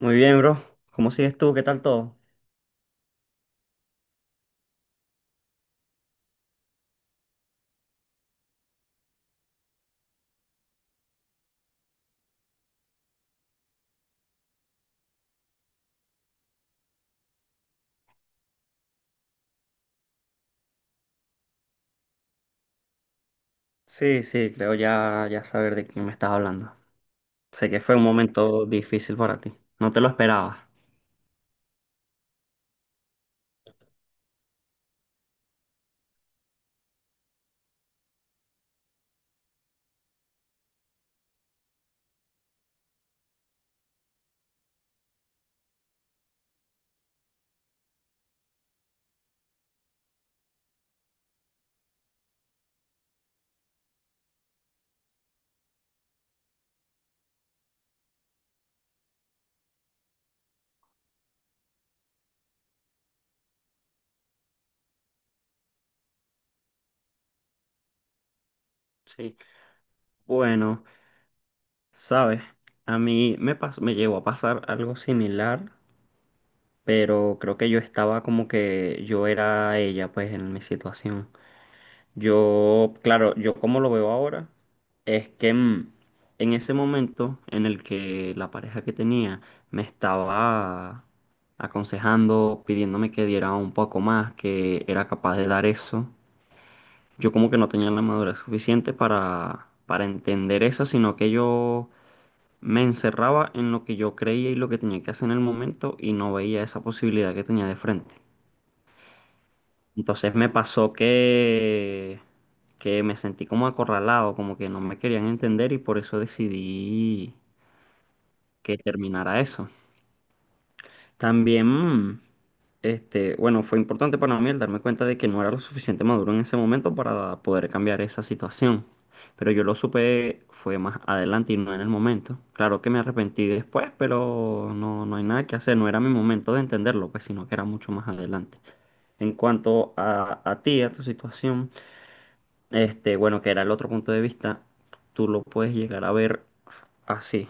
Muy bien, bro. ¿Cómo sigues tú? ¿Qué tal todo? Sí, sí, creo ya saber de quién me estás hablando. Sé que fue un momento difícil para ti. No te lo esperabas. Sí. Bueno, sabes, a mí me llegó a pasar algo similar, pero creo que yo estaba como que yo era ella, pues, en mi situación. Yo, claro, yo como lo veo ahora, es que en ese momento en el que la pareja que tenía me estaba aconsejando, pidiéndome que diera un poco más, que era capaz de dar eso, yo como que no tenía la madurez suficiente para entender eso, sino que yo me encerraba en lo que yo creía y lo que tenía que hacer en el momento y no veía esa posibilidad que tenía de frente. Entonces me pasó que me sentí como acorralado, como que no me querían entender y por eso decidí que terminara eso. También, este, bueno, fue importante para mí el darme cuenta de que no era lo suficiente maduro en ese momento para poder cambiar esa situación. Pero yo lo supe fue más adelante y no en el momento. Claro que me arrepentí después, pero no, no hay nada que hacer. No era mi momento de entenderlo, pues, sino que era mucho más adelante. En cuanto a ti, a tu situación. Este, bueno, que era el otro punto de vista, tú lo puedes llegar a ver así.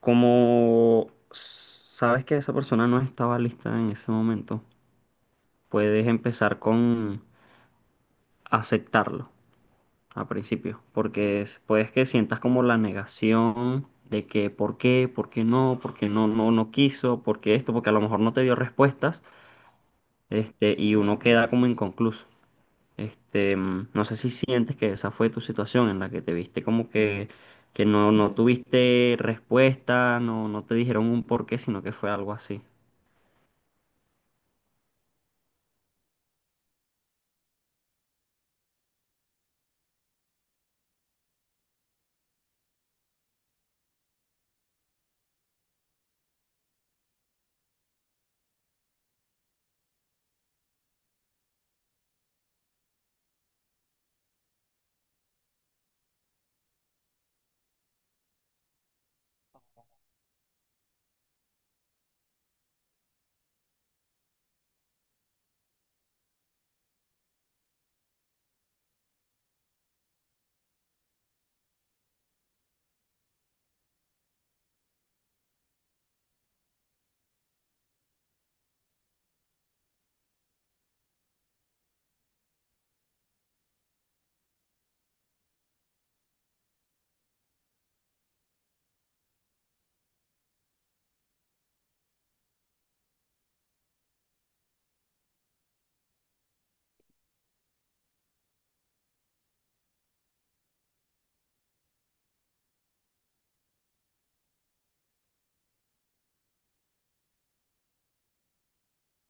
Como sabes que esa persona no estaba lista en ese momento, puedes empezar con aceptarlo al principio, puedes que sientas como la negación de que por qué no, no quiso, por qué esto, porque a lo mejor no te dio respuestas, este, y uno queda como inconcluso. Este, mm, no sé si sientes que esa fue tu situación en la que te viste como que no, no tuviste respuesta, no, no te dijeron un porqué, sino que fue algo así.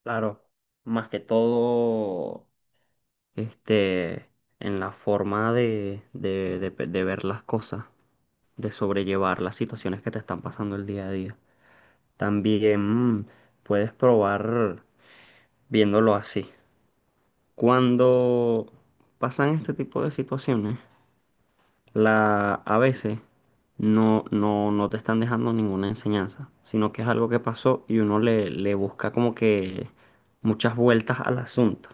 Claro, más que todo, este, en la forma de ver las cosas, de sobrellevar las situaciones que te están pasando el día a día. También puedes probar viéndolo así. Cuando pasan este tipo de situaciones, la, a veces no te están dejando ninguna enseñanza, sino que es algo que pasó y uno le busca como que muchas vueltas al asunto.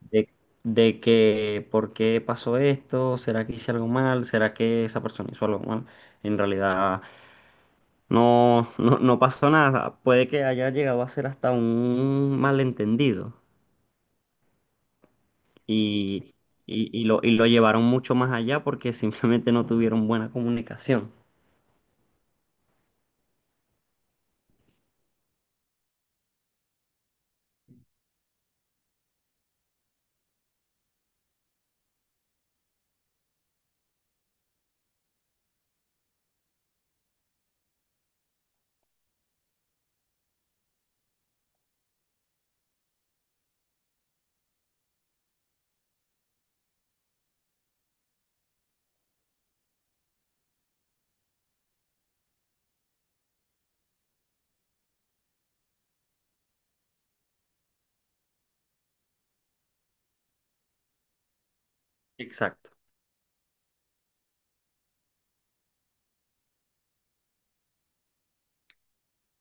De, de que, ¿por qué pasó esto? ¿Será que hice algo mal? ¿Será que esa persona hizo algo mal? En realidad no pasó nada. Puede que haya llegado a ser hasta un malentendido y, y lo llevaron mucho más allá porque simplemente no tuvieron buena comunicación. Exacto.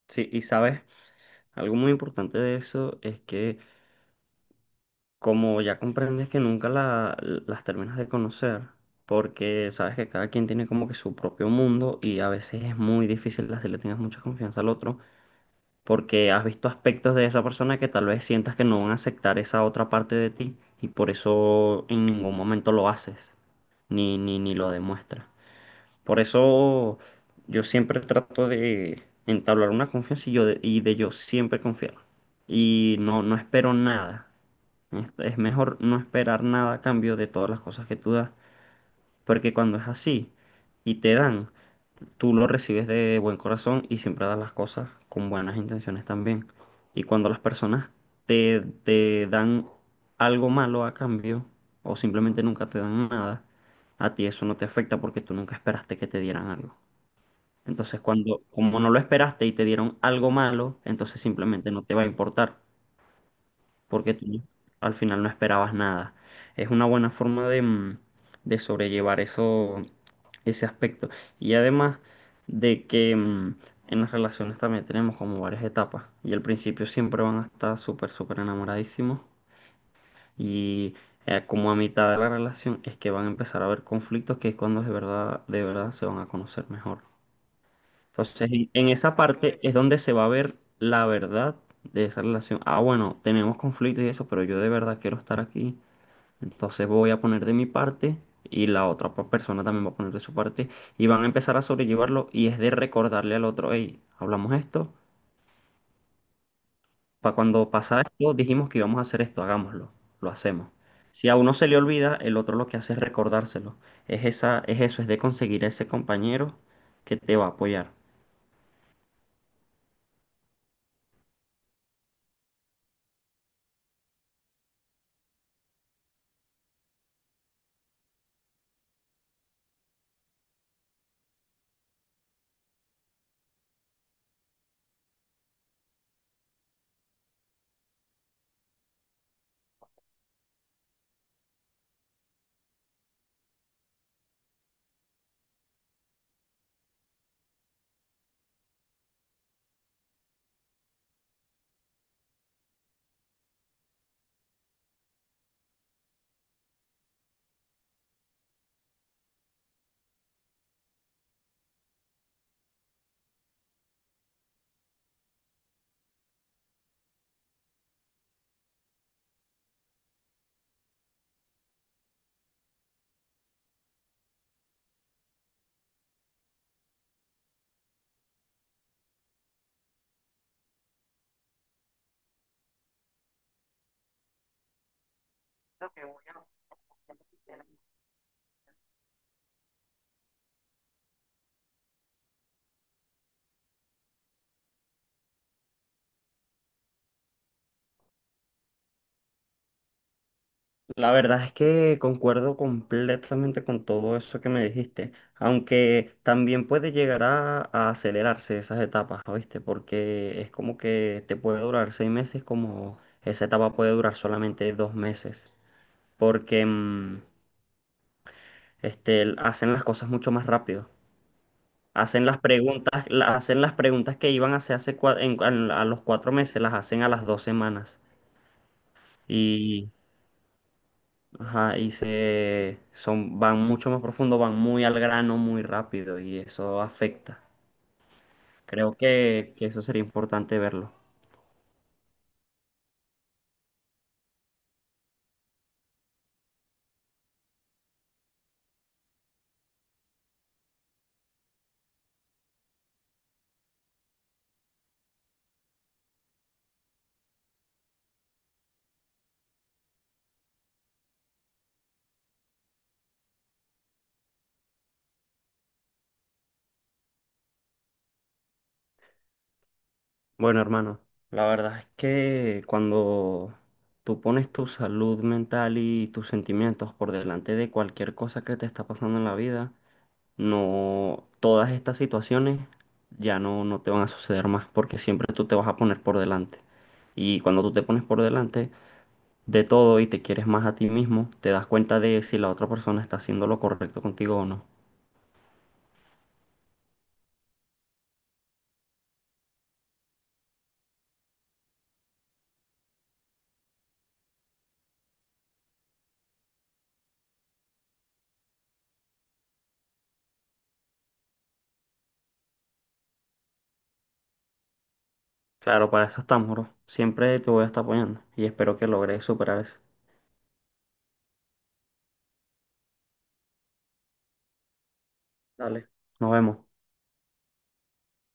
Sí, y sabes, algo muy importante de eso es que como ya comprendes que nunca la- las terminas de conocer, porque sabes que cada quien tiene como que su propio mundo y a veces es muy difícil así le tengas mucha confianza al otro, porque has visto aspectos de esa persona que tal vez sientas que no van a aceptar esa otra parte de ti y por eso en ningún momento lo haces, ni lo demuestras. Por eso yo siempre trato de entablar una confianza y de yo siempre confiar. Y no, no espero nada. Es mejor no esperar nada a cambio de todas las cosas que tú das. Porque cuando es así y te dan, tú lo recibes de buen corazón y siempre das las cosas con buenas intenciones también. Y cuando las personas te dan algo malo a cambio o simplemente nunca te dan nada, a ti eso no te afecta porque tú nunca esperaste que te dieran algo. Entonces, cuando, como no lo esperaste y te dieron algo malo, entonces simplemente no te va a importar, porque tú al final no esperabas nada. Es una buena forma de, de sobrellevar eso, ese aspecto. Y además de que en las relaciones también tenemos como varias etapas, y al principio siempre van a estar súper, súper enamoradísimos, y como a mitad de la relación es que van a empezar a haber conflictos, que es cuando de verdad se van a conocer mejor. Entonces, en esa parte es donde se va a ver la verdad de esa relación. Ah, bueno, tenemos conflictos y eso, pero yo de verdad quiero estar aquí. Entonces voy a poner de mi parte y la persona también va a poner de su parte y van a empezar a sobrellevarlo y es de recordarle al otro, hey, hablamos esto, para cuando pasa esto dijimos que íbamos a hacer esto, hagámoslo, lo hacemos. Si a uno se le olvida, el otro lo que hace es recordárselo. Es esa, es eso, es de conseguir ese compañero que te va a apoyar. La verdad es que concuerdo completamente con todo eso que me dijiste, aunque también puede llegar a acelerarse esas etapas, ¿viste? Porque es como que te puede durar 6 meses, como esa etapa puede durar solamente 2 meses, porque hacen las cosas mucho más rápido. Hacen las preguntas, hacen las preguntas que iban a hacer a los 4 meses, las hacen a las 2 semanas. Ajá, y se son, van mucho más profundo, van muy al grano, muy rápido, y eso afecta. Creo que eso sería importante verlo. Bueno, hermano, la verdad es que cuando tú pones tu salud mental y tus sentimientos por delante de cualquier cosa que te está pasando en la vida, no, todas estas situaciones ya no te van a suceder más, porque siempre tú te vas a poner por delante. Y cuando tú te pones por delante, de todo y te quieres más a ti mismo, te das cuenta de si la otra persona está haciendo lo correcto contigo o no. Claro, para eso estamos, bro. Siempre te voy a estar apoyando y espero que logres superar eso. Dale, nos vemos.